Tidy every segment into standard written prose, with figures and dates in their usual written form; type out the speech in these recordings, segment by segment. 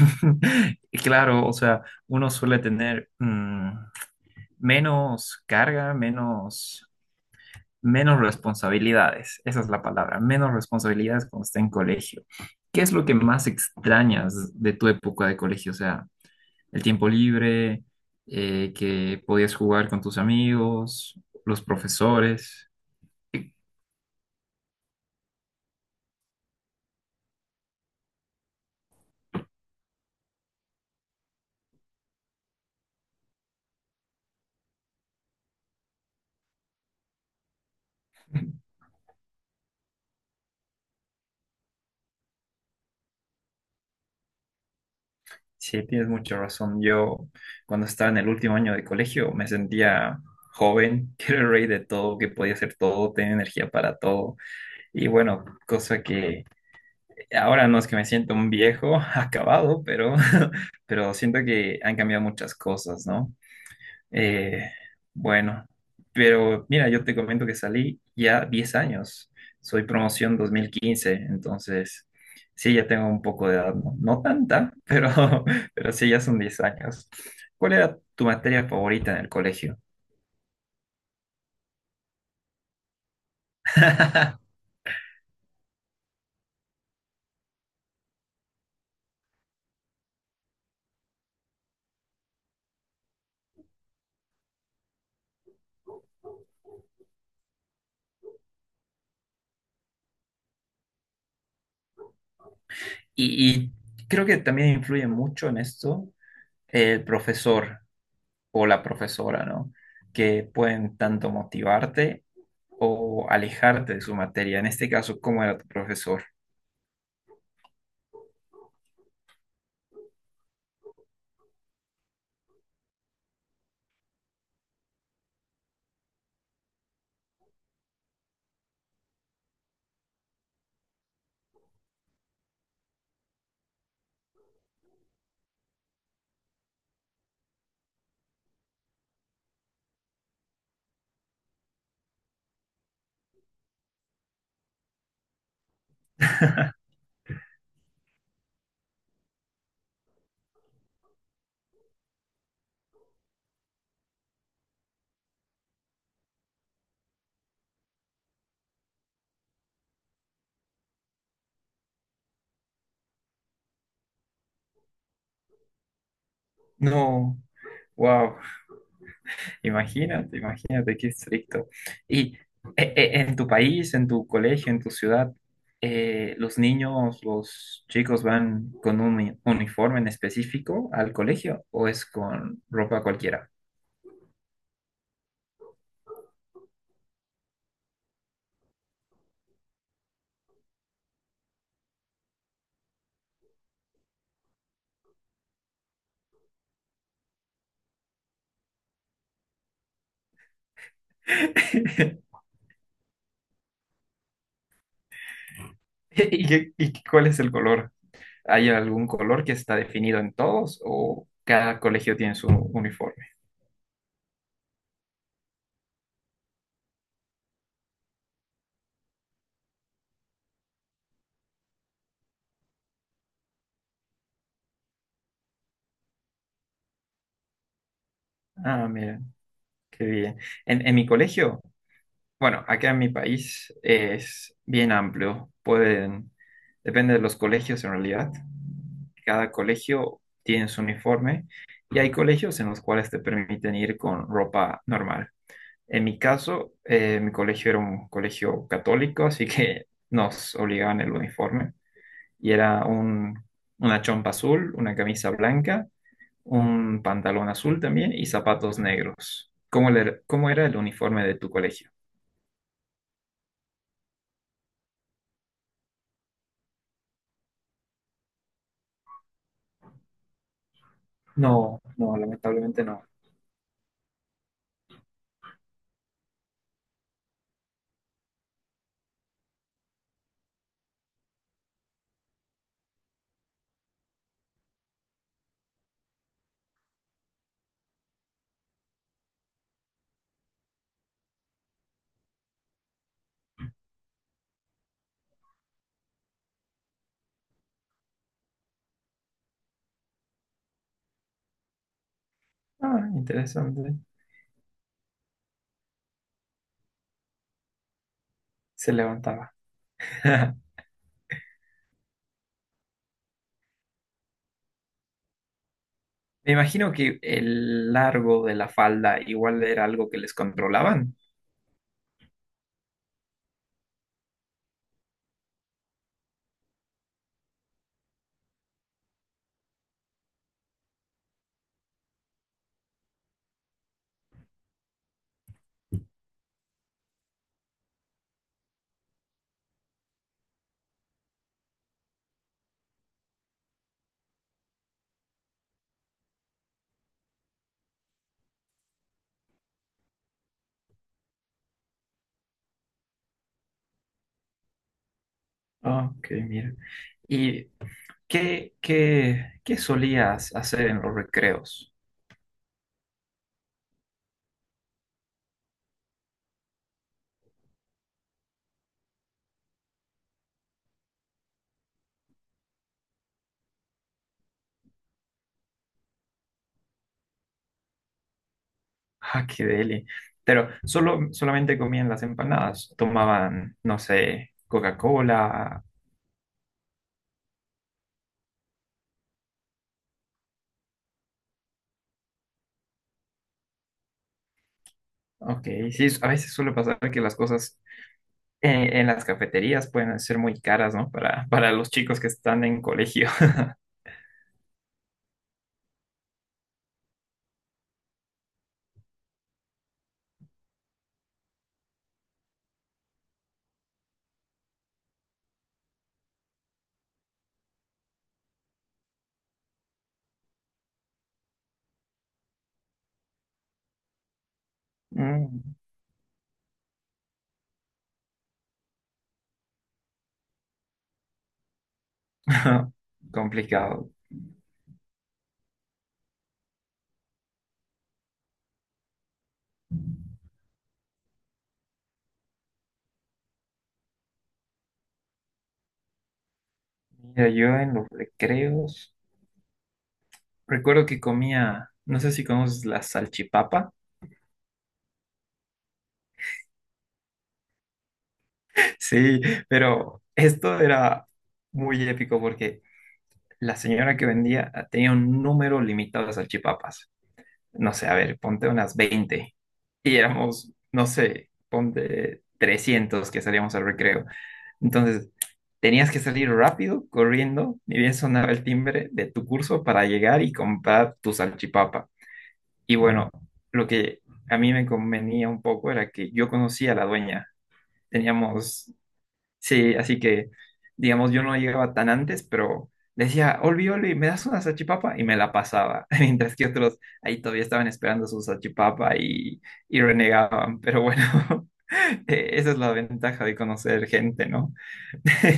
Y claro, o sea, uno suele tener menos carga, menos responsabilidades. Esa es la palabra, menos responsabilidades cuando está en colegio. ¿Qué es lo que más extrañas de tu época de colegio? O sea, el tiempo libre, que podías jugar con tus amigos, los profesores. Sí, tienes mucha razón. Yo, cuando estaba en el último año de colegio, me sentía joven, que era el rey de todo, que podía hacer todo, tenía energía para todo. Y bueno, cosa que ahora no es que me siento un viejo acabado, pero, pero siento que han cambiado muchas cosas, ¿no? Eh, bueno, pero mira, yo te comento que salí ya 10 años. Soy promoción 2015. Entonces sí, ya tengo un poco de edad, no tanta, pero, pero sí, ya son 10 años. ¿Cuál era tu materia favorita en el colegio? Y, y creo que también influye mucho en esto el profesor o la profesora, ¿no? Que pueden tanto motivarte o alejarte de su materia. En este caso, ¿cómo era tu profesor? No, wow, imagínate qué estricto. Y en tu país, en tu colegio, en tu ciudad, ¿los niños, los chicos van con uniforme en específico al colegio o es con ropa cualquiera? ¿Y, y cuál es el color? ¿Hay algún color que está definido en todos o cada colegio tiene su uniforme? Ah, mira, qué bien. En mi colegio... Bueno, acá en mi país es bien amplio. Pueden, depende de los colegios en realidad. Cada colegio tiene su uniforme y hay colegios en los cuales te permiten ir con ropa normal. En mi caso, mi colegio era un colegio católico, así que nos obligaban el uniforme. Y era un, una chompa azul, una camisa blanca, un pantalón azul también y zapatos negros. ¿Cómo, cómo era el uniforme de tu colegio? No, lamentablemente no. Ah, interesante. Se levantaba. Me imagino que el largo de la falda igual era algo que les controlaban. Ah, ok, mira. ¿Y qué solías hacer en los recreos? Ah, qué deli. Pero solamente comían las empanadas. Tomaban, no sé, Coca-Cola. Ok, sí, a veces suele pasar que las cosas en las cafeterías pueden ser muy caras, ¿no? Para los chicos que están en colegio. Mm. Complicado. Mira, yo en los recreos recuerdo que comía, no sé si conoces la salchipapa. Sí, pero esto era muy épico porque la señora que vendía tenía un número limitado de salchipapas. No sé, a ver, ponte unas 20 y éramos, no sé, ponte 300 que salíamos al recreo. Entonces, tenías que salir rápido, corriendo, ni bien sonaba el timbre de tu curso para llegar y comprar tu salchipapa. Y bueno, lo que a mí me convenía un poco era que yo conocía a la dueña. Teníamos. Sí, así que, digamos, yo no llegaba tan antes, pero decía, Olvi, Olvi, ¿me das una salchipapa? Y me la pasaba, mientras que otros ahí todavía estaban esperando su salchipapa y renegaban. Pero bueno, esa es la ventaja de conocer gente, ¿no?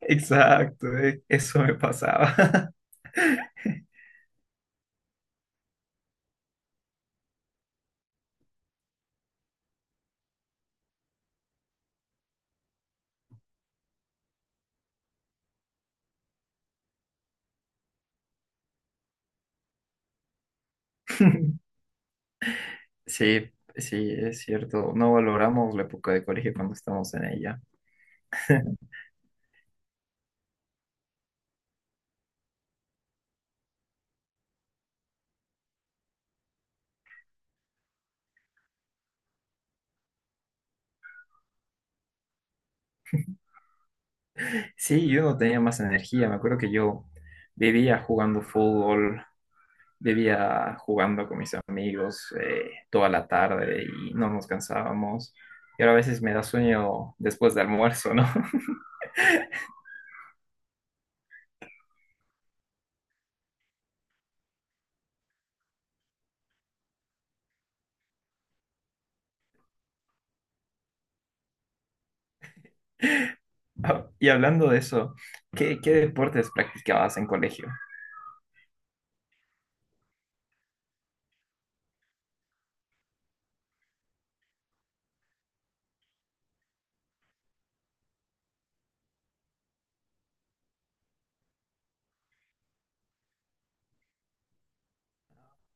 Exacto, eso me pasaba. Sí, sí, es cierto. No valoramos la época de colegio cuando estamos en ella. Sí, yo no tenía más energía. Me acuerdo que yo vivía jugando fútbol, vivía jugando con mis amigos toda la tarde y no nos cansábamos. Y ahora a veces me da sueño después de almuerzo, ¿no? Ah, y hablando de eso, qué deportes practicabas en colegio?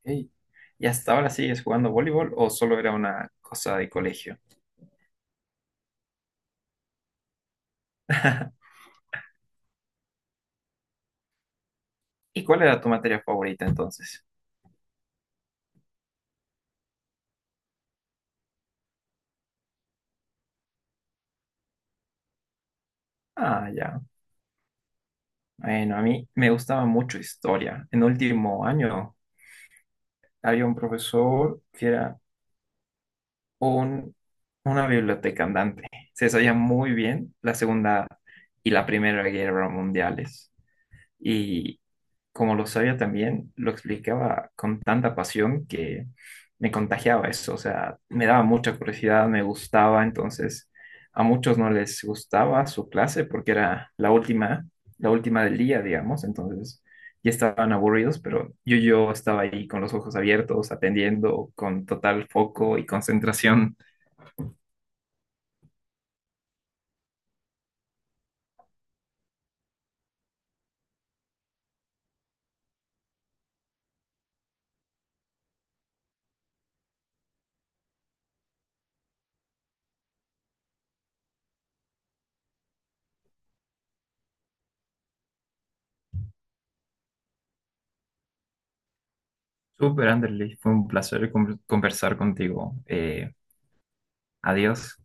Ey, ¿y hasta ahora sigues jugando voleibol o solo era una cosa de colegio? ¿Y cuál era tu materia favorita entonces? Ah, ya. Bueno, a mí me gustaba mucho historia. En último año había un profesor que era un- una biblioteca andante. Se desarrolla muy bien la Segunda y la Primera Guerra Mundiales. Y como lo sabía también, lo explicaba con tanta pasión que me contagiaba eso. O sea, me daba mucha curiosidad, me gustaba. Entonces, a muchos no les gustaba su clase porque era la última del día, digamos. Entonces, ya estaban aburridos, pero yo estaba ahí con los ojos abiertos, atendiendo con total foco y concentración. Super Anderley, fue un placer conversar contigo. Adiós.